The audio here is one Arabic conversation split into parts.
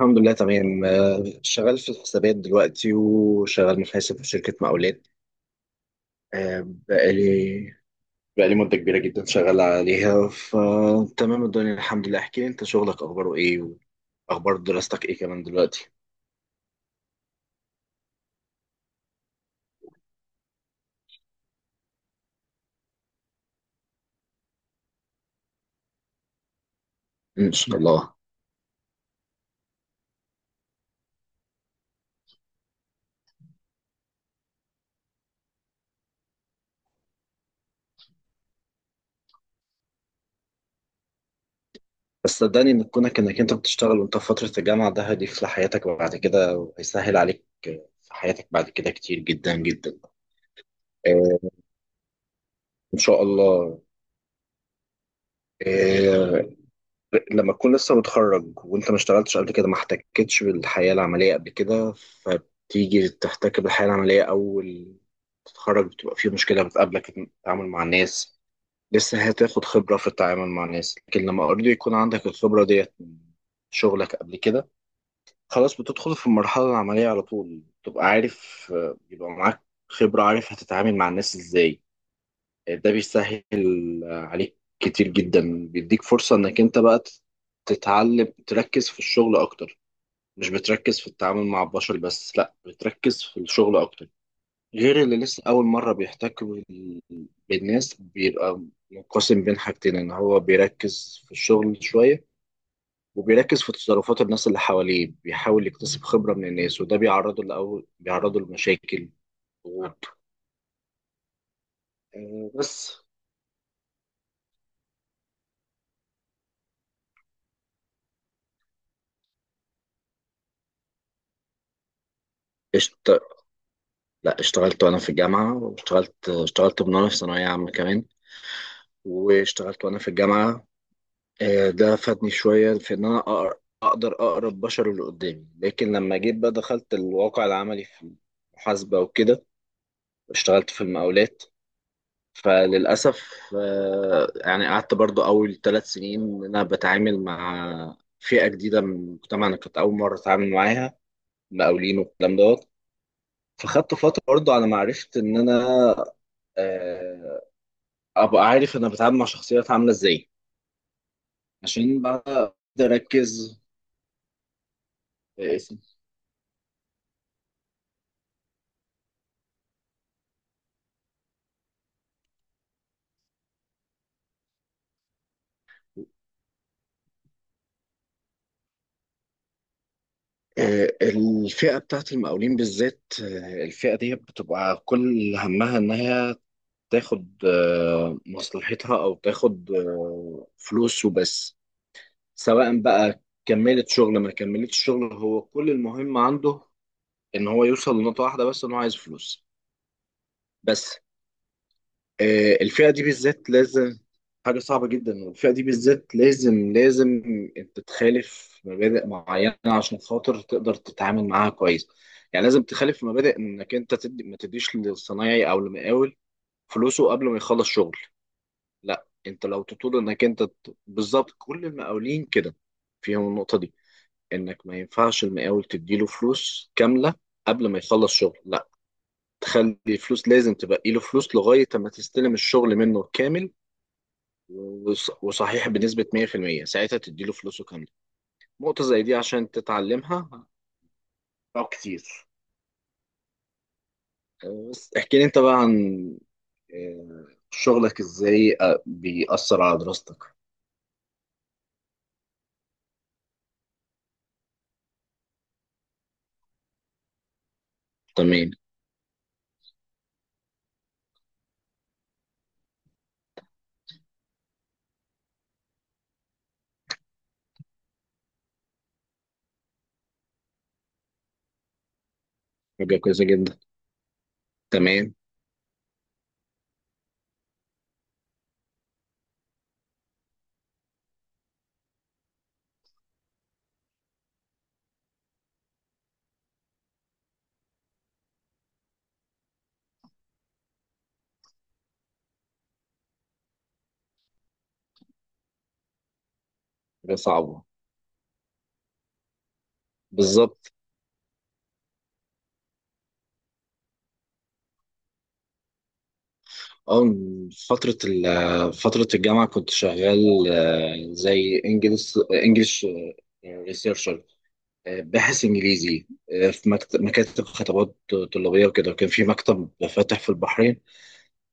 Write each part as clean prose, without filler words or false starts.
الحمد لله تمام، شغال في الحسابات دلوقتي وشغال محاسب في شركة مقاولات. آه، بقالي بقالي مدة كبيرة جدا شغال عليها، فتمام الدنيا الحمد لله. احكي لي انت شغلك اخباره ايه واخبار دراستك ايه كمان دلوقتي؟ ان شاء الله. بس صدقني ان كونك انك انت بتشتغل وانت في فترة الجامعة، ده هيضيف لحياتك بعد كده وهيسهل عليك في حياتك بعد كده كتير جدا جدا. آه، ان شاء الله. آه، لما تكون لسه متخرج وانت ما اشتغلتش قبل كده، ما احتكتش بالحياة العملية قبل كده، فبتيجي تحتك بالحياة العملية أول تتخرج، بتبقى في مشكلة بتقابلك في التعامل مع الناس. لسه هتاخد خبرة في التعامل مع الناس، لكن لما اوريدي يكون عندك الخبرة ديت من شغلك قبل كده، خلاص بتدخل في المرحلة العملية على طول، تبقى عارف، يبقى معاك خبرة، عارف هتتعامل مع الناس ازاي. ده بيسهل عليك كتير جدا، بيديك فرصة انك انت بقى تتعلم تركز في الشغل اكتر، مش بتركز في التعامل مع البشر بس، لا بتركز في الشغل اكتر. غير اللي لسه اول مرة بيحتك بالناس، بيبقى منقسم بين حاجتين، ان هو بيركز في الشغل شوية وبيركز في تصرفات الناس اللي حواليه، بيحاول يكتسب خبرة من الناس، وده بيعرضه لمشاكل، ضغوط. بس قشطة. لا، اشتغلت وانا في الجامعه، واشتغلت من وانا في ثانويه عامه كمان، واشتغلت وانا في الجامعه. ده فادني شويه في ان انا اقدر اقرا البشر اللي قدامي. لكن لما جيت بقى دخلت الواقع العملي في المحاسبه وكده، اشتغلت في المقاولات، فللاسف، يعني قعدت برضو اول ثلاث سنين ان انا بتعامل مع فئه جديده من المجتمع، انا كنت اول مره اتعامل معاها، مقاولين والكلام دوت. فخدت فتره برضو على ما عرفت ان انا، آه، ابقى عارف انا بتعامل مع شخصيات عامله ازاي، عشان بقى اقدر اركز في اسمي. الفئه بتاعت المقاولين بالذات، الفئه دي بتبقى كل همها انها تاخد مصلحتها او تاخد فلوس وبس. سواء بقى كملت شغل ما كملتش شغل، هو كل المهم عنده ان هو يوصل لنقطه واحده بس، ان هو عايز فلوس بس. الفئة دي بالذات لازم، حاجة صعبة جدا، والفئة دي بالذات لازم انت تخالف مبادئ معينة عشان خاطر تقدر تتعامل معاها كويس. يعني لازم تخالف مبادئ، انك انت تدي ما تديش للصنايعي او المقاول فلوسه قبل ما يخلص شغل. لا، انت لو تطول انك بالظبط كل المقاولين كده فيهم النقطة دي، انك ما ينفعش المقاول تديله فلوس كاملة قبل ما يخلص شغل. لا، تخلي فلوس، لازم تبقى له فلوس لغاية ما تستلم الشغل منه كامل، وصحيح بنسبة 100%، ساعتها تديله فلوسه كاملة. نقطة زي دي عشان تتعلمها أو كتير. بس احكي لي انت بقى عن شغلك ازاي بيأثر على دراستك. تمام. حاجة كويسة جدا. تمام. حاجة صعبة. بالظبط. اه، فترة الجامعة كنت شغال، زي انجلش باحث انجليزي، في مكاتب خطابات طلابيه وكده. وكان في مكتب فاتح في البحرين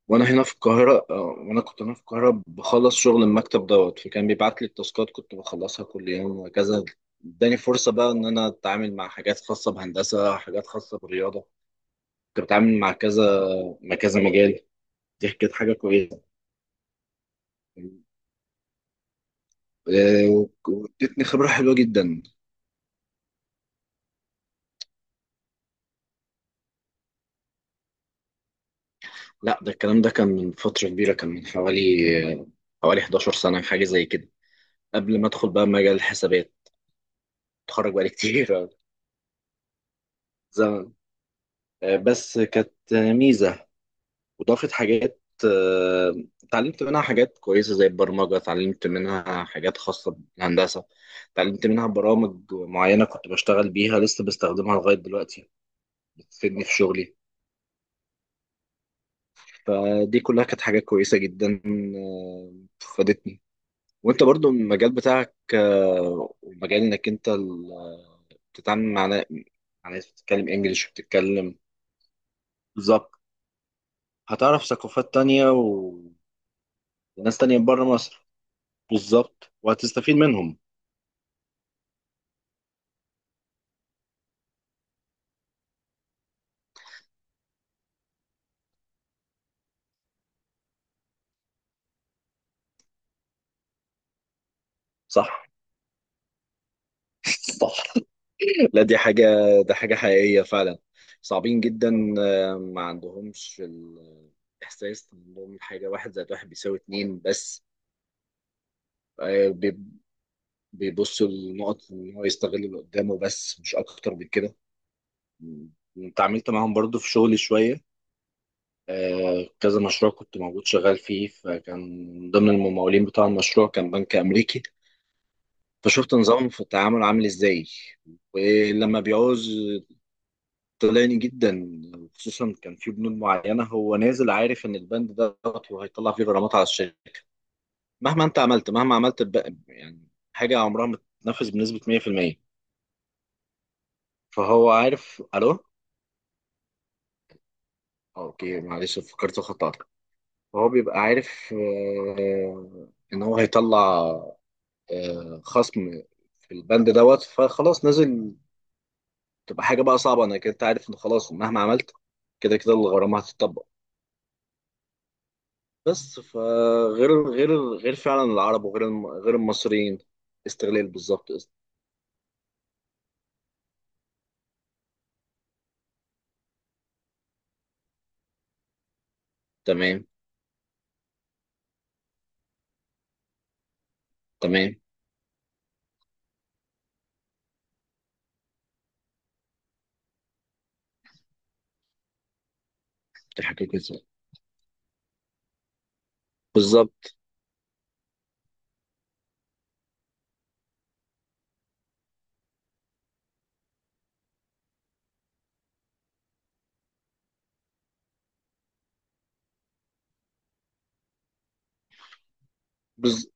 وانا هنا في القاهره، وانا كنت هنا في القاهره بخلص شغل المكتب دوت، فكان بيبعت لي التاسكات كنت بخلصها كل يوم وهكذا. اداني فرصه بقى ان انا اتعامل مع حاجات خاصه بهندسه، حاجات خاصه بالرياضه، كنت بتعامل مع كذا مجال. دي كانت حاجه كويسه. وادتني خبره حلوه جدا. لا ده الكلام ده كان من فتره كبيره، كان من حوالي حوالي 11 سنه حاجه زي كده، قبل ما ادخل بقى مجال الحسابات. اتخرج بقالي كتير. زمن. بس كانت ميزه، وضافت حاجات، اتعلمت منها حاجات كويسه زي البرمجه، اتعلمت منها حاجات خاصه بالهندسه، اتعلمت منها برامج معينه كنت بشتغل بيها لسه بستخدمها لغايه دلوقتي، بتفيدني في شغلي. فدي كلها كانت حاجات كويسه جدا، آه، فادتني. وانت برضو المجال بتاعك، ومجال انك بتتعامل مع مع ناس بتتكلم انجلش وبتتكلم، بالظبط، هتعرف ثقافات تانية وناس تانية بره مصر. بالظبط، وهتستفيد منهم. صح. صح. لا دي حاجة، ده حاجة حقيقية فعلا، صعبين جدا. ما عندهمش الإحساس، إن عندهم حاجة واحد زائد واحد بيساوي اتنين بس. آه، بي- بيبصوا لنقط، إن هو يستغل اللي قدامه بس، مش أكتر من كده. م- اتعاملت معاهم برضو في شغلي شوية. كذا مشروع كنت موجود شغال فيه، فكان من ضمن الممولين بتاع المشروع كان بنك أمريكي، فشفت نظامهم في التعامل عامل إزاي ولما بيعوز. طلعني جدا، خصوصا كان في بنود معينة هو نازل عارف إن البند ده غلط وهيطلع فيه غرامات على الشركة مهما أنت عملت. مهما عملت بقى يعني، حاجة عمرها ما تتنفذ بنسبة 100%. فهو عارف. ألو، أوكي معلش فكرت خطأت. فهو بيبقى عارف، إن هو هيطلع خصم في البند دوت، فخلاص نازل. تبقى حاجه بقى صعبه، انا كنت عارف ان خلاص مهما عملت كده كده الغرامه هتطبق. بس فغير غير فعلا العرب وغير غير المصريين. استغلال بالظبط، تمام. تمام. دي حاجه كويسه. بالظبط. بز...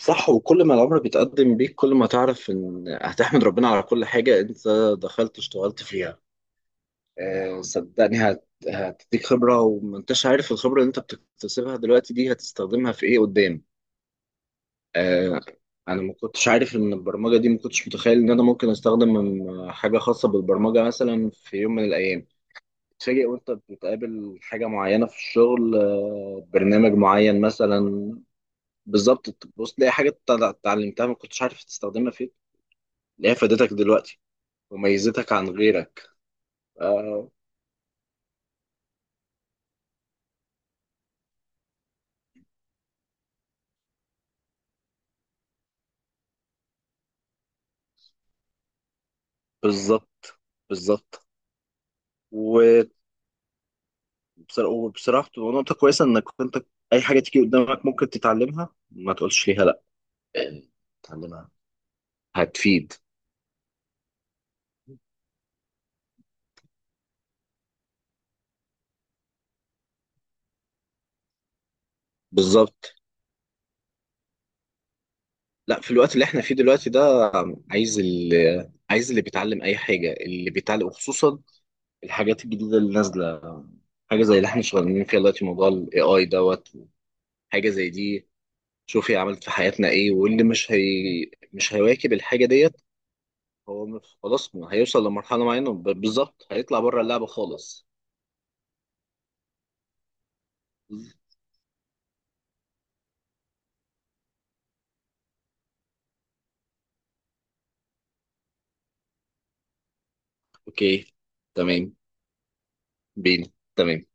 صح، وكل ما العمر بيتقدم بيك كل ما تعرف ان هتحمد ربنا على كل حاجه انت دخلت اشتغلت فيها. صدقني هتديك خبرة، ومنتش عارف الخبرة اللي انت بتكتسبها دلوقتي دي هتستخدمها في ايه قدام. آه، انا ما كنتش عارف ان البرمجة دي، ما كنتش متخيل ان انا ممكن استخدم من حاجة خاصة بالبرمجة مثلا في يوم من الايام. تتفاجئ وانت بتقابل حاجة معينة في الشغل، برنامج معين مثلا، بالظبط، تبص تلاقي حاجة اتعلمتها ما كنتش عارف تستخدمها فين، تلاقيها فادتك دلوقتي وميزتك عن غيرك. آه، بالظبط. بالظبط. وبصراحة بتبقى نقطة كويسة، إنك أنت أي حاجة تيجي قدامك ممكن تتعلمها، ما تقولش ليها لأ يعني، تتعلمها هتفيد. بالظبط. لأ، في الوقت اللي إحنا فيه دلوقتي ده، عايز اللي عايز اللي بيتعلم أي حاجة اللي بيتعلم، وخصوصا الحاجات الجديدة اللي نازلة، حاجة زي اللي إحنا شغالين فيها دلوقتي، موضوع ال AI دوت، حاجة زي دي. شوف هي عملت في حياتنا إيه، واللي مش هيواكب الحاجة ديت، هو خلاص هيوصل لمرحلة معينة، بالظبط هيطلع بره اللعبة خالص. اوكي. تمام. بينا. تمام.